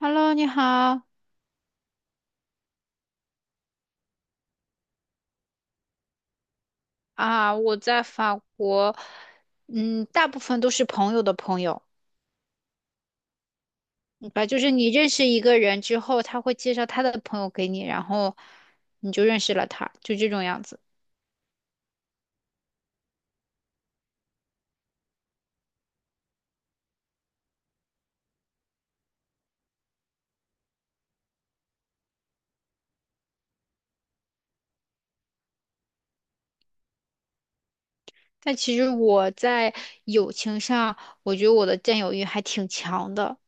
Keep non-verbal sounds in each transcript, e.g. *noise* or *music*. Hello，你好啊！我在法国，嗯，大部分都是朋友的朋友，明白？就是你认识一个人之后，他会介绍他的朋友给你，然后你就认识了他，就这种样子。但其实我在友情上，我觉得我的占有欲还挺强的。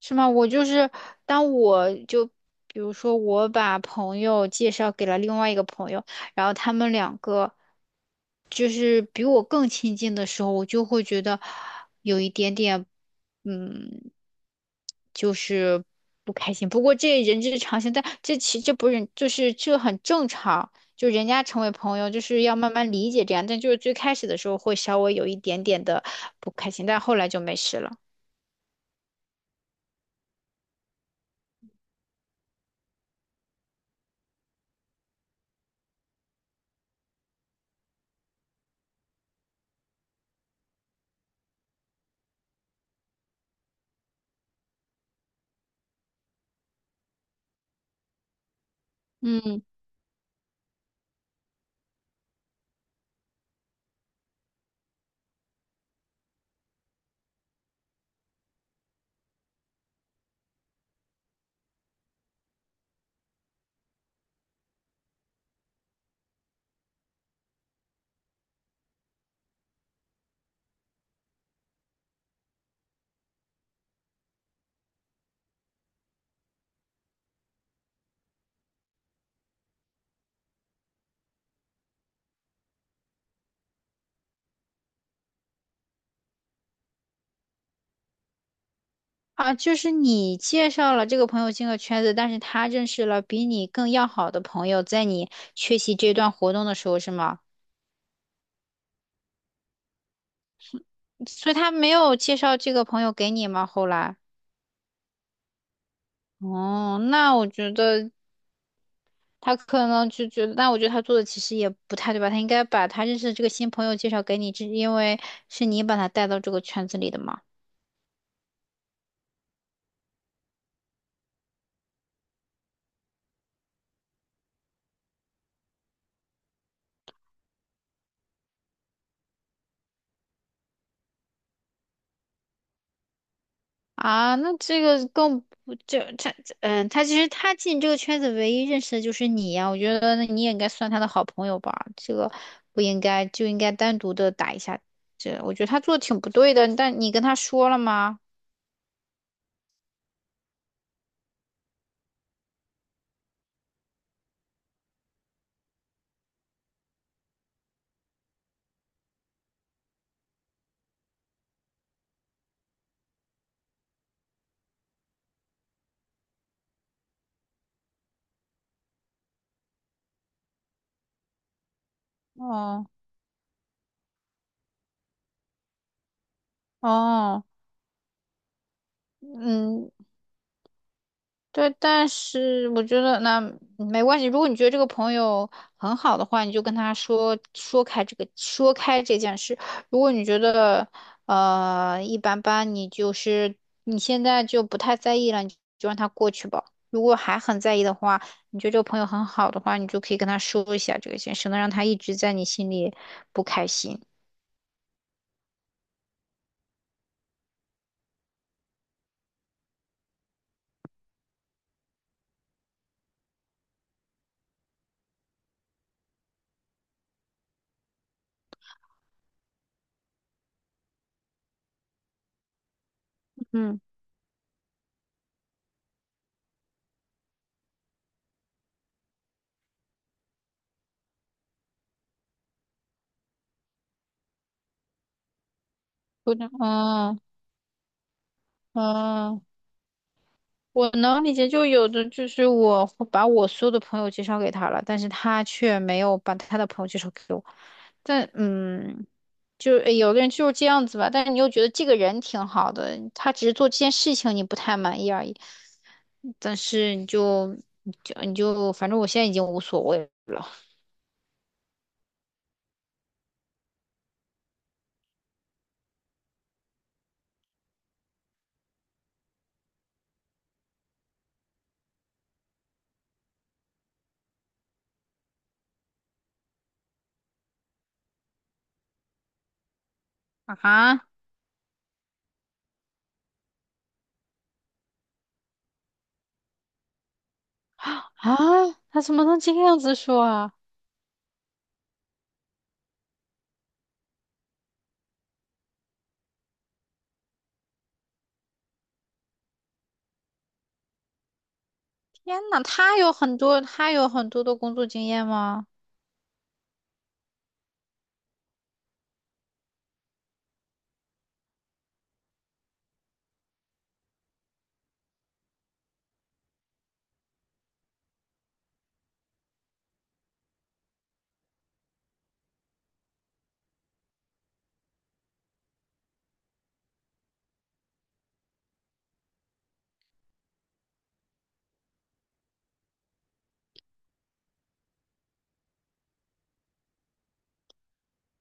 是吗？我就是当我就比如说我把朋友介绍给了另外一个朋友，然后他们两个就是比我更亲近的时候，我就会觉得有一点点，嗯，就是不开心。不过这人之常情，但这其这不是就是这很正常。就人家成为朋友，就是要慢慢理解这样，但就是最开始的时候会稍微有一点点的不开心，但后来就没事了。啊，就是你介绍了这个朋友进了圈子，但是他认识了比你更要好的朋友，在你缺席这段活动的时候，是吗？所以他没有介绍这个朋友给你吗？后来，哦，那我觉得他可能就觉得，那我觉得他做的其实也不太对吧？他应该把他认识的这个新朋友介绍给你，这因为是你把他带到这个圈子里的嘛。啊，那这个更不就他，嗯，他其实他进这个圈子唯一认识的就是你呀、我觉得那你也应该算他的好朋友吧，这个不应该单独的打一下，这我觉得他做的挺不对的，但你跟他说了吗？哦哦，嗯，对，但是我觉得那没关系。如果你觉得这个朋友很好的话，你就跟他说开这件事。如果你觉得一般般，你就是你现在就不太在意了，你就让他过去吧。如果还很在意的话，你觉得这个朋友很好的话，你就可以跟他说一下这个事，省得让他一直在你心里不开心。嗯，不能，嗯嗯。我能理解，就有的就是我会把我所有的朋友介绍给他了，但是他却没有把他的朋友介绍给我。但嗯，就诶有的人就是这样子吧，但是你又觉得这个人挺好的，他只是做这件事情你不太满意而已。但是你就，反正我现在已经无所谓了啊 *gasps* 啊！他怎么能这样子说啊？天呐，他有很多的工作经验吗？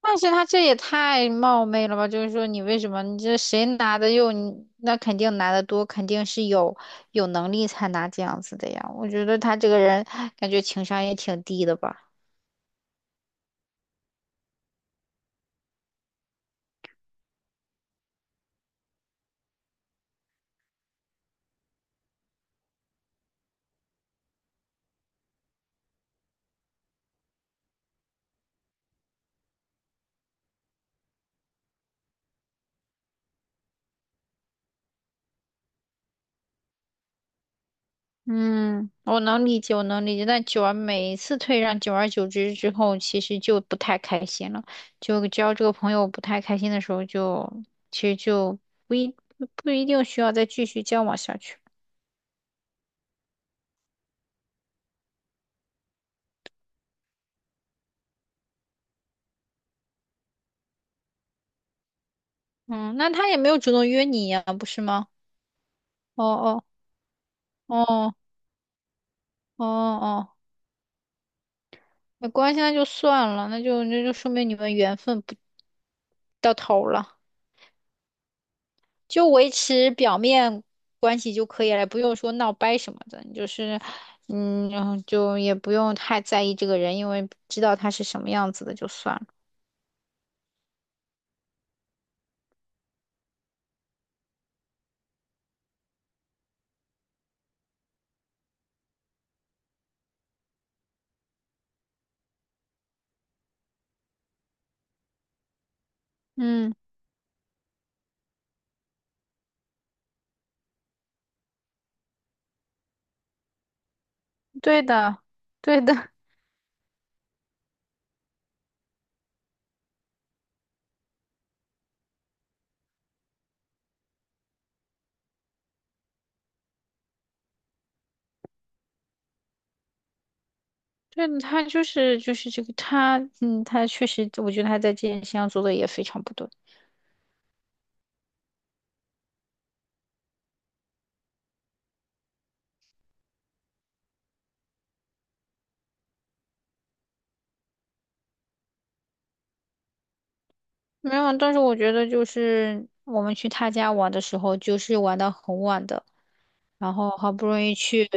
但是他这也太冒昧了吧？就是说，你为什么你这谁拿的又你那肯定拿的多，肯定是有能力才拿这样子的呀。我觉得他这个人感觉情商也挺低的吧。嗯，我能理解。但久而每一次退让，久而久之之后，其实就不太开心了。就交这个朋友不太开心的时候就，其实就不一不一定需要再继续交往下去。嗯，那他也没有主动约你呀，不是吗？哦哦哦，哦，没关系，那就算了，那就说明你们缘分不到头了，就维持表面关系就可以了，不用说闹掰什么的，你就是嗯，然后就也不用太在意这个人，因为知道他是什么样子的就算了。嗯，对的，对的，*laughs* 对的，他就是就是这个他，嗯，他确实，我觉得他在这件事情上做的也非常不对。没有，但是我觉得就是我们去他家玩的时候，就是玩到很晚的，然后好不容易去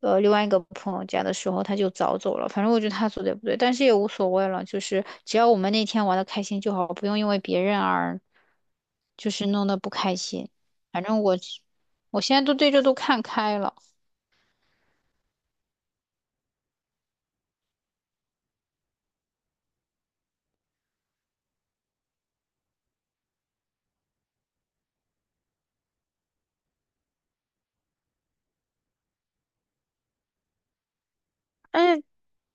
另外一个朋友家的时候，他就早走了。反正我觉得他做的也不对，但是也无所谓了，就是只要我们那天玩的开心就好，不用因为别人而就是弄得不开心。反正我现在都对这都看开了。哎，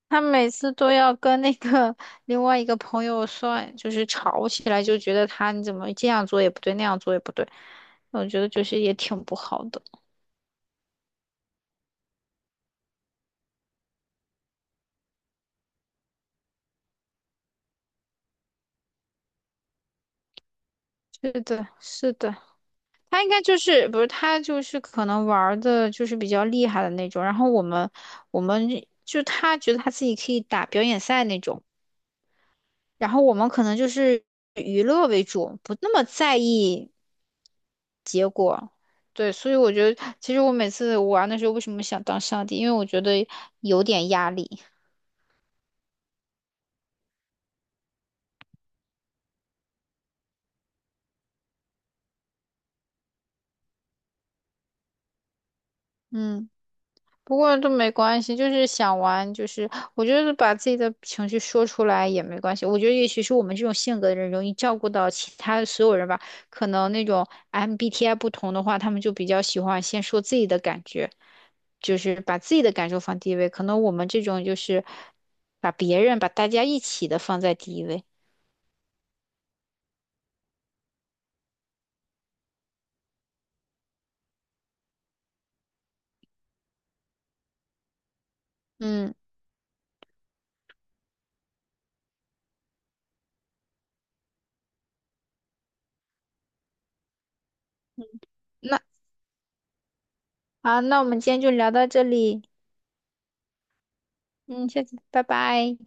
他每次都要跟那个另外一个朋友算，就是吵起来，就觉得他你怎么这样做也不对，那样做也不对，我觉得就是也挺不好的。是的，他应该就是不是他就是可能玩儿的就是比较厉害的那种，然后我们就他觉得他自己可以打表演赛那种，然后我们可能就是娱乐为主，不那么在意。对，所以我觉得，其实我每次玩的时候，为什么想当上帝？因为我觉得有点压力。嗯，不过都没关系，就是想玩，就是我觉得把自己的情绪说出来也没关系。我觉得也许是我们这种性格的人容易照顾到其他的所有人吧。可能那种 MBTI 不同的话，他们就比较喜欢先说自己的感觉，就是把自己的感受放第一位。可能我们这种就是把别人、把大家一起的放在第一位。嗯，那好，那我们今天就聊到这里，嗯，下次拜拜。